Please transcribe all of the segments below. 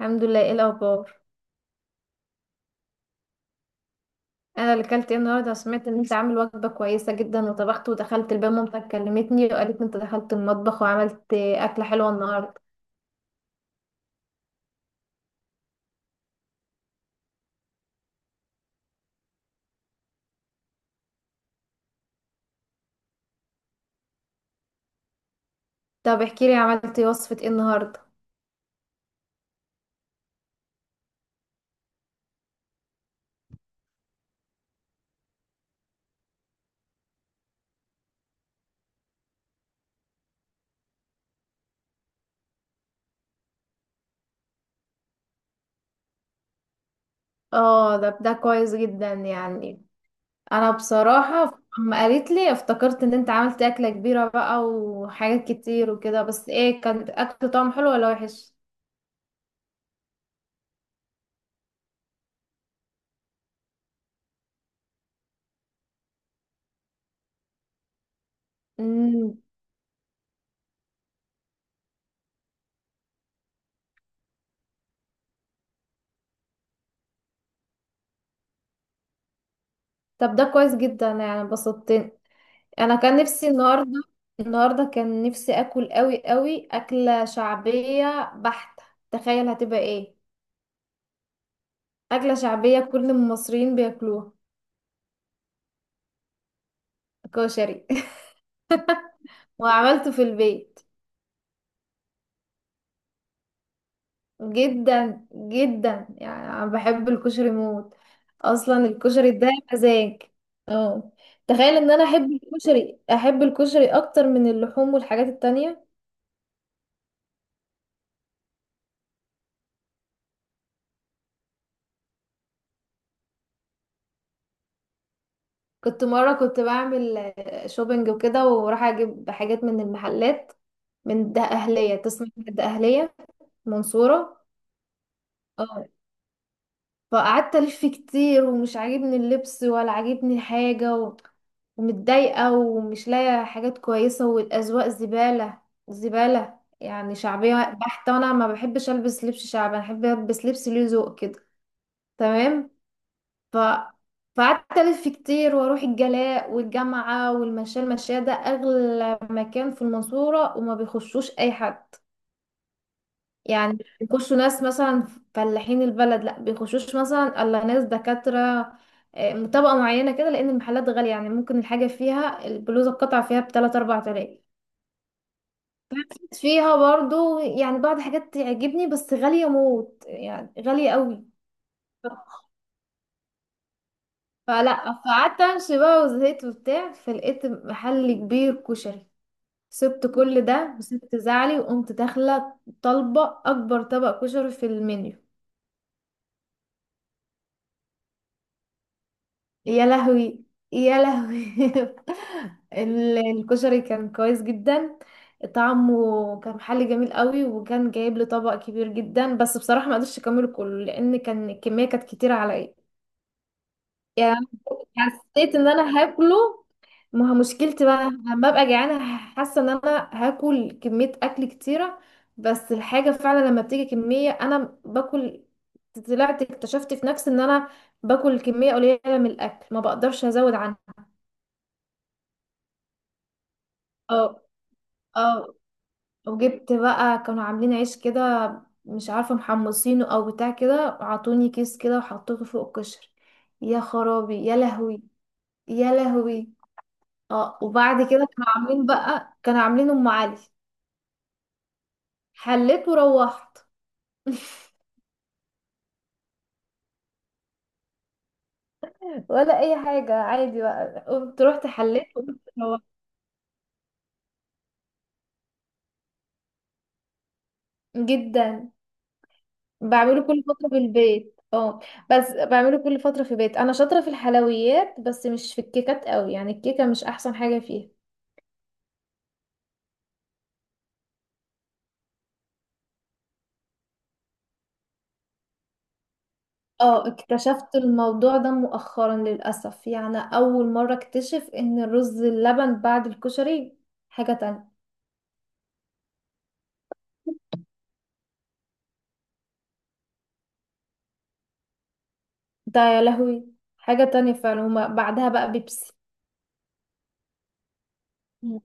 الحمد لله، ايه الاخبار؟ انا اللي كلت ايه النهارده. سمعت ان انت عامل وجبه كويسه جدا وطبخت ودخلت البيت. مامتك كلمتني وقالت ان انت دخلت المطبخ وعملت اكله حلوه النهارده. طب احكي لي عملت إيه، وصفه ايه النهارده؟ اه، ده كويس جدا يعني. انا بصراحه اما قالت لي افتكرت ان انت عملت اكله كبيره بقى وحاجات كتير وكده، بس ايه، كانت اكل طعم حلو ولا وحش؟ امم. طب ده كويس جدا يعني، انبسطت. انا كان نفسي النهارده. النهارده كان نفسي اكل قوي قوي اكله شعبيه بحته. تخيل هتبقى ايه؟ اكله شعبيه كل المصريين بياكلوها. كشري. وعملته في البيت. جدا جدا يعني انا بحب الكشري موت. اصلا الكشري ده مزاج. اه. تخيل ان انا احب الكشري، احب الكشري اكتر من اللحوم والحاجات التانية. كنت مرة كنت بعمل شوبينج وكده، وراح اجيب حاجات من المحلات. من ده أهلية، تسمع من ده أهلية؟ منصورة. اه. فقعدت ألف كتير ومش عاجبني اللبس ولا عاجبني حاجة، ومتضايقة ومش لاقية حاجات كويسة والأذواق زبالة. زبالة يعني شعبية بحتة. وأنا ما بحبش ألبس لبس شعبي، أنا بحب ألبس لبس ليه ذوق كده. تمام. ف فقعدت ألف كتير وأروح الجلاء والجامعة والمشاة. المشاة ده أغلى مكان في المنصورة، وما بيخشوش أي حد. يعني مش بيخشوا ناس مثلا فلاحين البلد، لا بيخشوش مثلا الا ناس دكاترة. طبقة معينة كده، لأن المحلات غالية. يعني ممكن الحاجة فيها، البلوزة القطعة فيها بـ3 أو 4 تلاف. فيها برضو يعني بعض حاجات تعجبني بس غالية موت، يعني غالية قوي. فقعدت امشي بقى وزهقت وبتاع، فلقيت محل كبير كشري. سبت كل ده وسبت زعلي وقمت داخلة طالبة أكبر طبق كشري في المنيو. يا لهوي، يا لهوي. الكشري كان كويس جدا. طعمه كان محل جميل قوي، وكان جايب لي طبق كبير جدا، بس بصراحة ما قدرتش اكمله كله لان كان الكمية كانت كتيرة عليا. يعني أنا حسيت ان انا هاكله. ما هو مشكلتي بقى لما ابقى جعانه حاسه ان انا هاكل كميه اكل كتيره، بس الحاجه فعلا لما بتيجي كميه انا باكل. طلعت اكتشفت في نفسي ان انا باكل كميه قليله من الاكل ما بقدرش ازود عنها. اه، اه. وجبت بقى، كانوا عاملين عيش كده، مش عارفه محمصينه او بتاع كده، عطوني كيس كده وحطيته فوق الكشري. يا خرابي، يا لهوي، يا لهوي. اه، وبعد كده كانوا عاملين بقى، كانوا عاملين ام علي. حليت وروحت. ولا اي حاجه، عادي بقى، قمت روحت، حليت وقمت روحت. جدا. بعمله كل فتره في البيت، اه. بس بعمله كل فتره في البيت. انا شاطره في الحلويات بس مش في الكيكات قوي، يعني الكيكه مش احسن حاجه فيها. اه، اكتشفت الموضوع ده مؤخرا للاسف. يعني اول مره اكتشف ان الرز اللبن بعد الكشري حاجه تانية. ده يا لهوي. حاجة تانية فعلا هما بعدها بقى بيبسي. مم.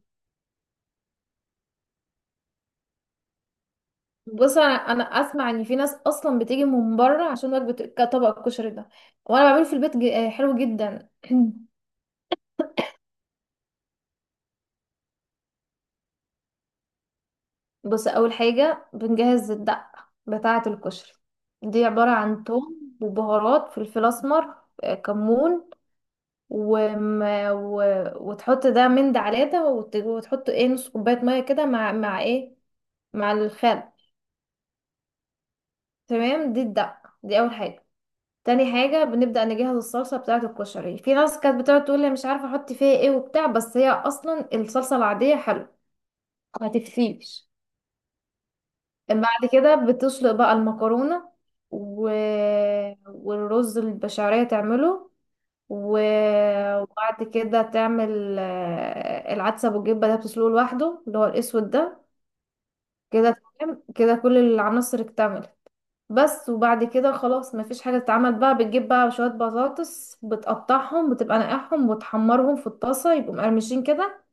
بص، انا اسمع ان في ناس اصلا بتيجي من بره عشان وجبة كطبق الكشري ده. وانا بعمله في البيت. حلو جدا. بص، اول حاجة بنجهز الدقة بتاعة الكشري. دي عبارة عن توم وبهارات فلفل اسمر، كمون، وم... و... وتحط ده من ده على ده، وتحط ايه نص كوباية مية كده مع ايه، مع الخل. تمام، دي الدقة، دي اول حاجة. تاني حاجة بنبدأ نجهز الصلصة بتاعة الكشري. في ناس كانت بتقعد تقول لي مش عارفة احط فيها ايه وبتاع، بس هي اصلا الصلصة العادية حلوة، ما تكفيش. بعد كده بتسلق بقى المكرونة، و... والرز البشعرية تعمله، و... وبعد كده تعمل العدسة بالجبة ده، بتسلقه لوحده، اللي هو الأسود ده. كده تمام، كده كل العناصر اكتملت. بس وبعد كده خلاص مفيش حاجة تتعمل بقى. بتجيب بقى شوية بطاطس، بتقطعهم، بتبقى نقعهم وتحمرهم في الطاسة يبقوا مقرمشين كده.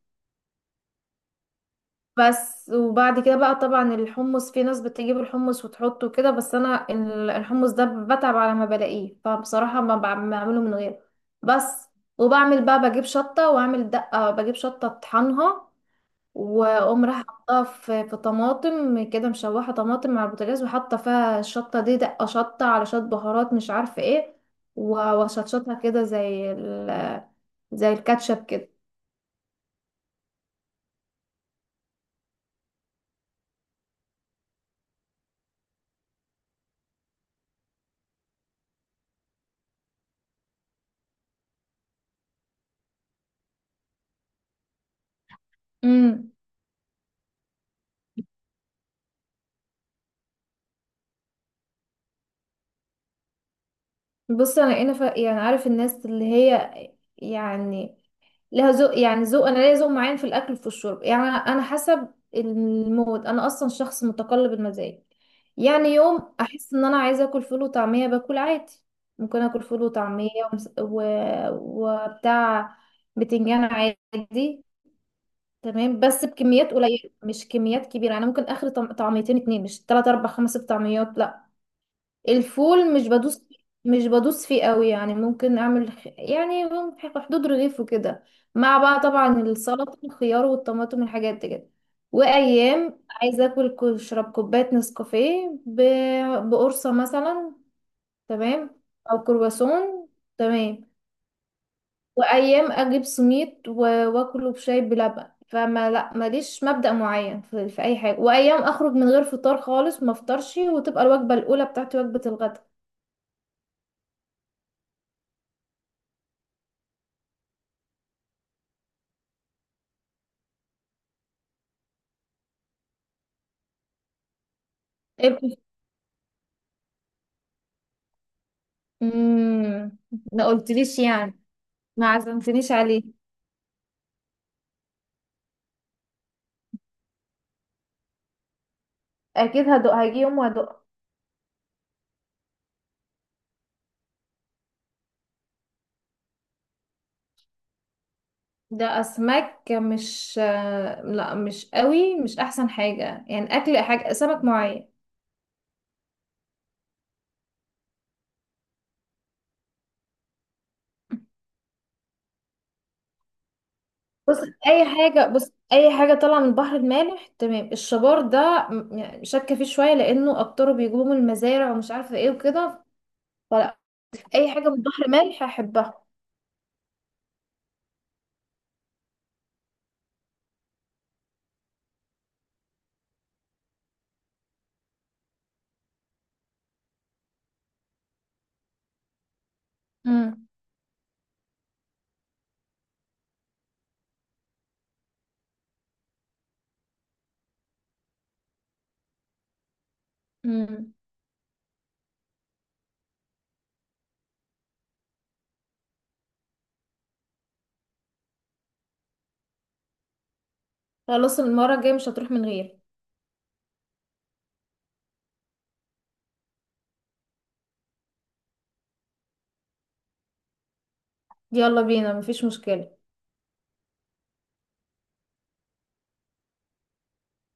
بس وبعد كده بقى طبعا الحمص، في ناس بتجيب الحمص وتحطه كده، بس انا الحمص ده بتعب على ما بلاقيه فبصراحة ما بع- بعمله من غيره بس. وبعمل بقى، بجيب شطة واعمل دقة، بجيب شطة اطحنها واقوم راح حطها في طماطم كده مشوحه، طماطم على البوتاجاز، وحاطه فيها الشطه دي، دقه شطه على شويه بهارات مش عارفه ايه. واشطشطها كده زي زي الكاتشب كده. امم. بص، انا يعني عارف الناس اللي هي يعني لها ذوق، يعني ذوق، انا ليا ذوق معين في الاكل وفي الشرب. يعني انا حسب المود. انا اصلا شخص متقلب المزاج. يعني يوم احس ان انا عايزه اكل فول وطعميه باكل عادي. ممكن اكل فول وطعميه وبتاع، بتنجان عادي. تمام، بس بكميات قليله مش كميات كبيره. انا ممكن اخر طعميتين اتنين، مش تلات اربع خمس طعميات لا. الفول مش بدوس فيه قوي. يعني ممكن اعمل يعني في حدود رغيف وكده، مع بقى طبعا السلطه والخيار والطماطم والحاجات دي كده. وايام عايزه اكل اشرب كوبايه نسكافيه بقرصه مثلا. تمام. او كرواسون. تمام. وايام اجيب سميت واكله بشاي بلبن، فما لا ماليش مبدأ معين في اي حاجه. وايام اخرج من غير فطار خالص ما افطرش وتبقى الوجبه الاولى بتاعتي وجبه الغداء. امم. ما قلتليش يعني، ما عزمتنيش عليه. اكيد هدوق، هيجي يوم وهدوق. ده اسماك مش لا مش قوي، مش احسن حاجه. يعني اكل حاجه سمك معين. بص، اي حاجه، طالعه من البحر المالح تمام. الشبار ده، يعني شاكه فيه شويه لانه اكتره بيجيبوه من المزارع ومش عارفه ايه وكده. فلا اي حاجه من البحر المالح احبها. امم. امم. خلاص المره الجايه مش هتروح من غير. يلا بينا، مفيش مشكله.